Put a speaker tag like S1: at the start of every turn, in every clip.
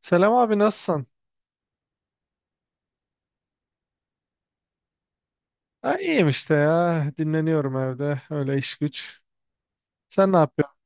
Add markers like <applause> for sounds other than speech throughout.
S1: Selam abi nasılsın? Ha, iyiyim işte ya. Dinleniyorum evde. Öyle iş güç. Sen ne yapıyorsun?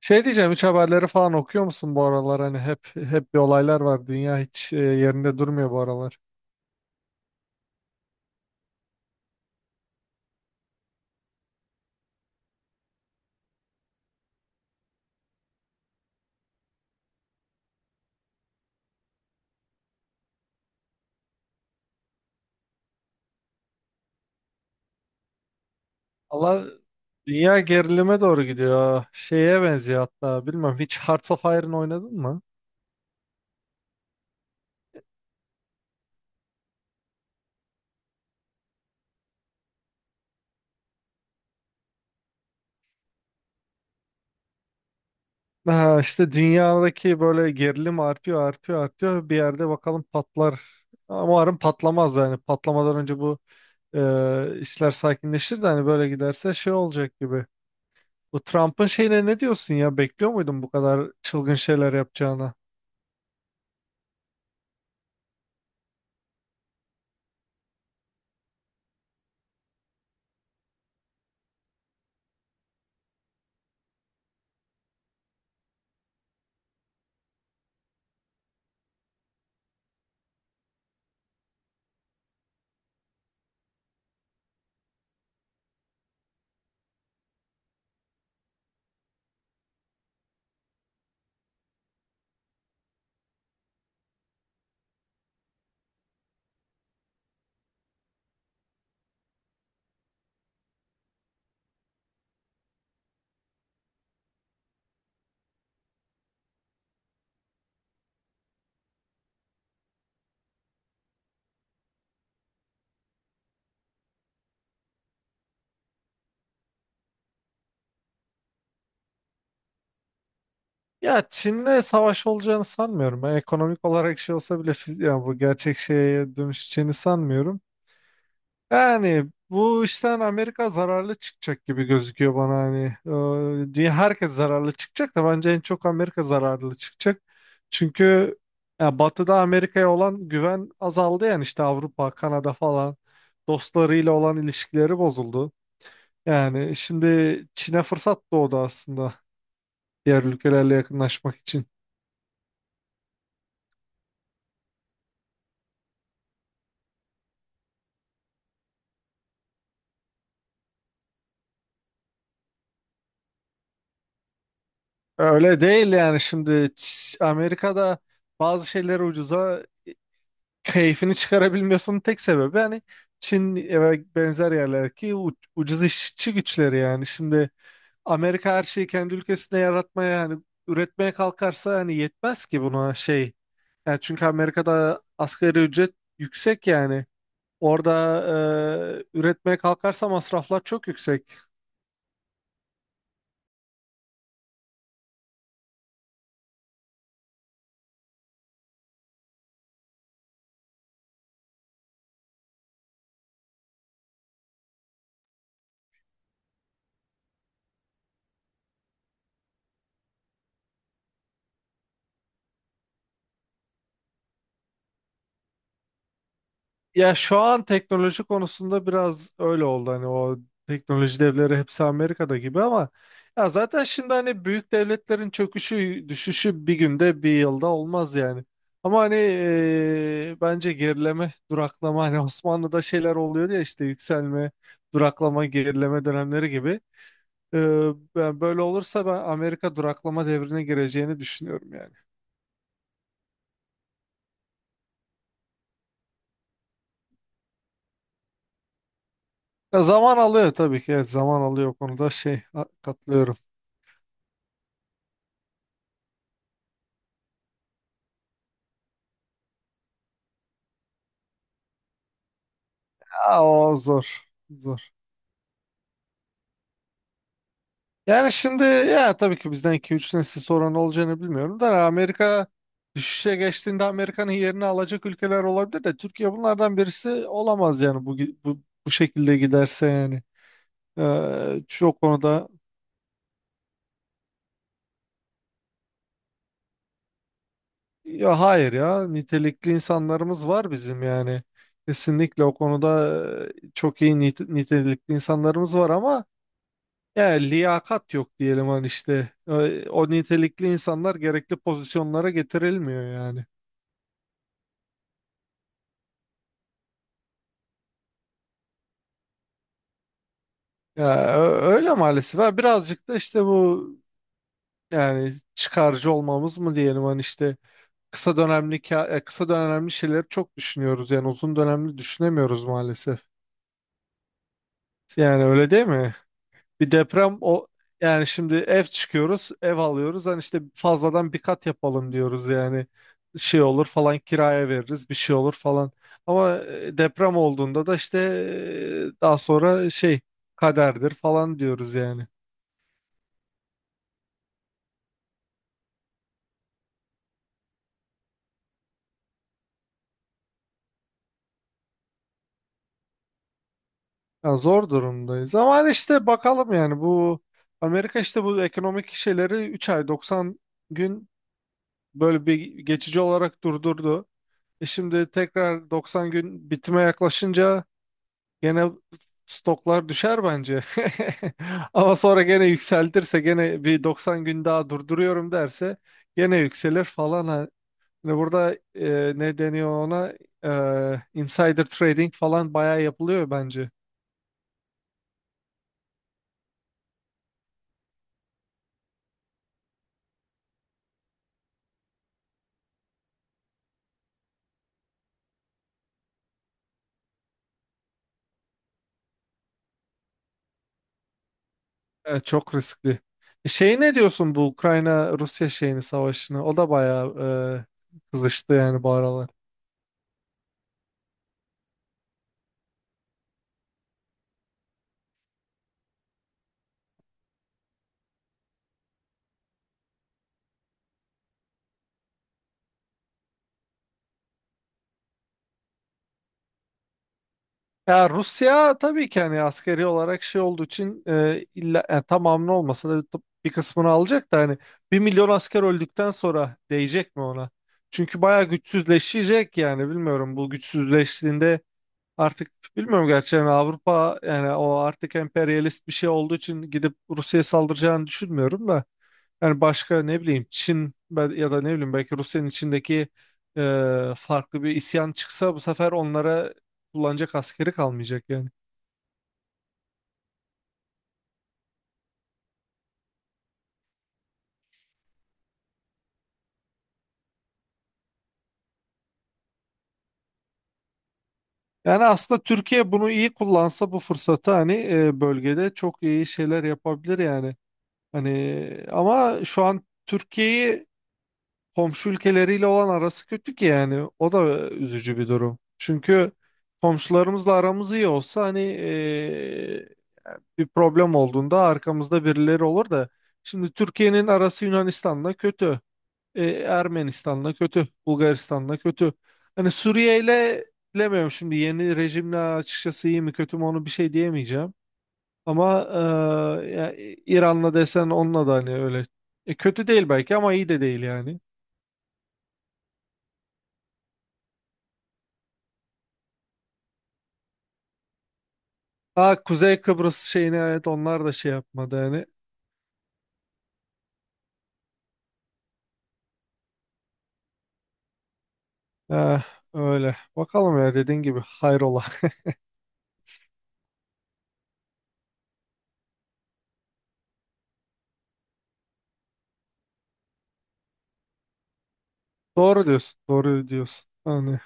S1: Şey diyeceğim, hiç haberleri falan okuyor musun bu aralar? Hani hep bir olaylar var. Dünya hiç yerinde durmuyor bu aralar. Allah, dünya gerilime doğru gidiyor. Şeye benziyor hatta. Bilmem, hiç Hearts of Iron oynadın mı? Ha, işte dünyadaki böyle gerilim artıyor artıyor artıyor, bir yerde bakalım patlar ama umarım patlamaz yani. Patlamadan önce bu işler sakinleşir de, hani böyle giderse şey olacak gibi. Bu Trump'ın şeyine ne diyorsun ya, bekliyor muydun bu kadar çılgın şeyler yapacağını? Ya Çin'le savaş olacağını sanmıyorum. Ben ekonomik olarak şey olsa bile fiz yani bu gerçek şeye dönüşeceğini sanmıyorum. Yani bu işten Amerika zararlı çıkacak gibi gözüküyor bana hani. Diye herkes zararlı çıkacak da bence en çok Amerika zararlı çıkacak. Çünkü ya Batı'da Amerika'ya olan güven azaldı, yani işte Avrupa, Kanada falan dostlarıyla olan ilişkileri bozuldu. Yani şimdi Çin'e fırsat doğdu aslında, diğer ülkelerle yakınlaşmak için. Öyle değil yani. Şimdi Amerika'da bazı şeyleri ucuza keyfini çıkarabilmiyorsun, tek sebebi hani Çin ve benzer yerlerdeki ucuz işçi güçleri yani. Şimdi Amerika her şeyi kendi ülkesinde yaratmaya hani üretmeye kalkarsa hani yetmez ki buna şey. Yani çünkü Amerika'da asgari ücret yüksek yani. Orada üretmeye kalkarsa masraflar çok yüksek. Ya şu an teknoloji konusunda biraz öyle oldu hani, o teknoloji devleri hepsi Amerika'da gibi, ama ya zaten şimdi hani büyük devletlerin çöküşü düşüşü bir günde bir yılda olmaz yani. Ama hani bence gerileme, duraklama, hani Osmanlı'da şeyler oluyor ya, işte yükselme, duraklama, gerileme dönemleri gibi. Eee, ben böyle olursa ben Amerika duraklama devrine gireceğini düşünüyorum yani. Ya zaman alıyor tabii ki, evet zaman alıyor, o konuda şey katlıyorum. Aa, o zor. Zor. Yani şimdi, ya tabii ki bizden 2-3 nesil sonra ne olacağını bilmiyorum da Amerika düşüşe geçtiğinde Amerika'nın yerini alacak ülkeler olabilir de Türkiye bunlardan birisi olamaz yani, bu, bu şekilde giderse yani. Çok konuda, ya hayır, ya nitelikli insanlarımız var bizim yani. Kesinlikle o konuda çok iyi nitelikli insanlarımız var ama yani liyakat yok diyelim, hani işte o nitelikli insanlar gerekli pozisyonlara getirilmiyor yani. Ya öyle maalesef. Ha, birazcık da işte bu yani çıkarcı olmamız mı diyelim, hani işte kısa dönemli kısa dönemli şeyleri çok düşünüyoruz yani, uzun dönemli düşünemiyoruz maalesef. Yani öyle değil mi? Bir deprem o yani, şimdi ev çıkıyoruz, ev alıyoruz. Hani işte fazladan bir kat yapalım diyoruz yani. Şey olur falan, kiraya veririz, bir şey olur falan. Ama deprem olduğunda da işte daha sonra şey kaderdir falan diyoruz yani. Yani zor durumdayız. Ama hani işte bakalım yani, bu Amerika işte bu ekonomik şeyleri 3 ay, 90 gün böyle bir geçici olarak durdurdu. Şimdi tekrar 90 gün bitime yaklaşınca gene stoklar düşer bence. <laughs> Ama sonra gene yükseltirse, gene bir 90 gün daha durduruyorum derse gene yükselir falan. Hani burada ne deniyor ona? Insider trading falan bayağı yapılıyor bence. Çok riskli. Şey, ne diyorsun bu Ukrayna Rusya şeyini, savaşını? O da bayağı kızıştı yani bu aralar. Ya Rusya tabii ki hani askeri olarak şey olduğu için illa yani tamamını olmasa da bir kısmını alacak da, hani 1 milyon asker öldükten sonra değecek mi ona? Çünkü bayağı güçsüzleşecek yani bilmiyorum. Bu güçsüzleştiğinde artık bilmiyorum gerçi yani, Avrupa yani o artık emperyalist bir şey olduğu için gidip Rusya'ya saldıracağını düşünmüyorum da yani, başka ne bileyim, Çin ya da ne bileyim, belki Rusya'nın içindeki farklı bir isyan çıksa bu sefer onlara kullanacak askeri kalmayacak yani. Yani aslında Türkiye bunu iyi kullansa bu fırsatı, hani bölgede çok iyi şeyler yapabilir yani. Hani ama şu an Türkiye'yi komşu ülkeleriyle olan arası kötü ki yani, o da üzücü bir durum. Çünkü komşularımızla aramız iyi olsa hani bir problem olduğunda arkamızda birileri olur da, şimdi Türkiye'nin arası Yunanistan'la kötü. Ermenistan'la kötü. Bulgaristan'la kötü. Hani Suriye ile bilemiyorum şimdi, yeni rejimle açıkçası iyi mi kötü mü onu bir şey diyemeyeceğim. Ama ya İran'la desen onunla da hani öyle. Kötü değil belki ama iyi de değil yani. Ha, Kuzey Kıbrıs şeyine, evet onlar da şey yapmadı yani. Eh, öyle. Bakalım ya, dediğin gibi hayrola. <laughs> Doğru diyorsun. Doğru diyorsun. Hani.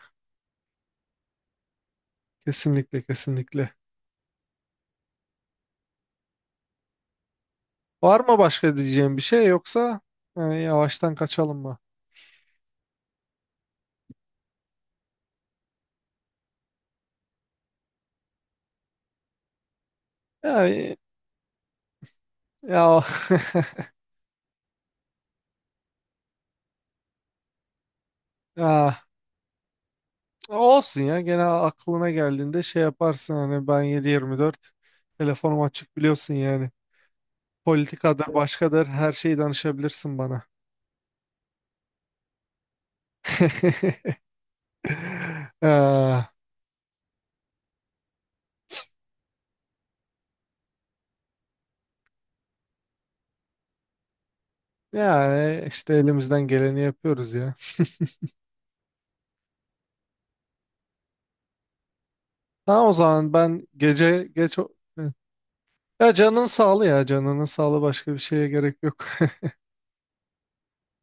S1: Kesinlikle, kesinlikle. Var mı başka diyeceğim bir şey, yoksa yani yavaştan kaçalım mı? Ya e, ya, <laughs> ya olsun ya, gene aklına geldiğinde şey yaparsın hani, ben 7/24 telefonum açık biliyorsun yani. Politikadır, başkadır, her şeyi danışabilirsin bana. <laughs> Ee, yani işte elimizden geleni yapıyoruz ya. Tamam o zaman, ben gece geç ya canın sağlığı, ya canının sağlığı, başka bir şeye gerek yok. <laughs>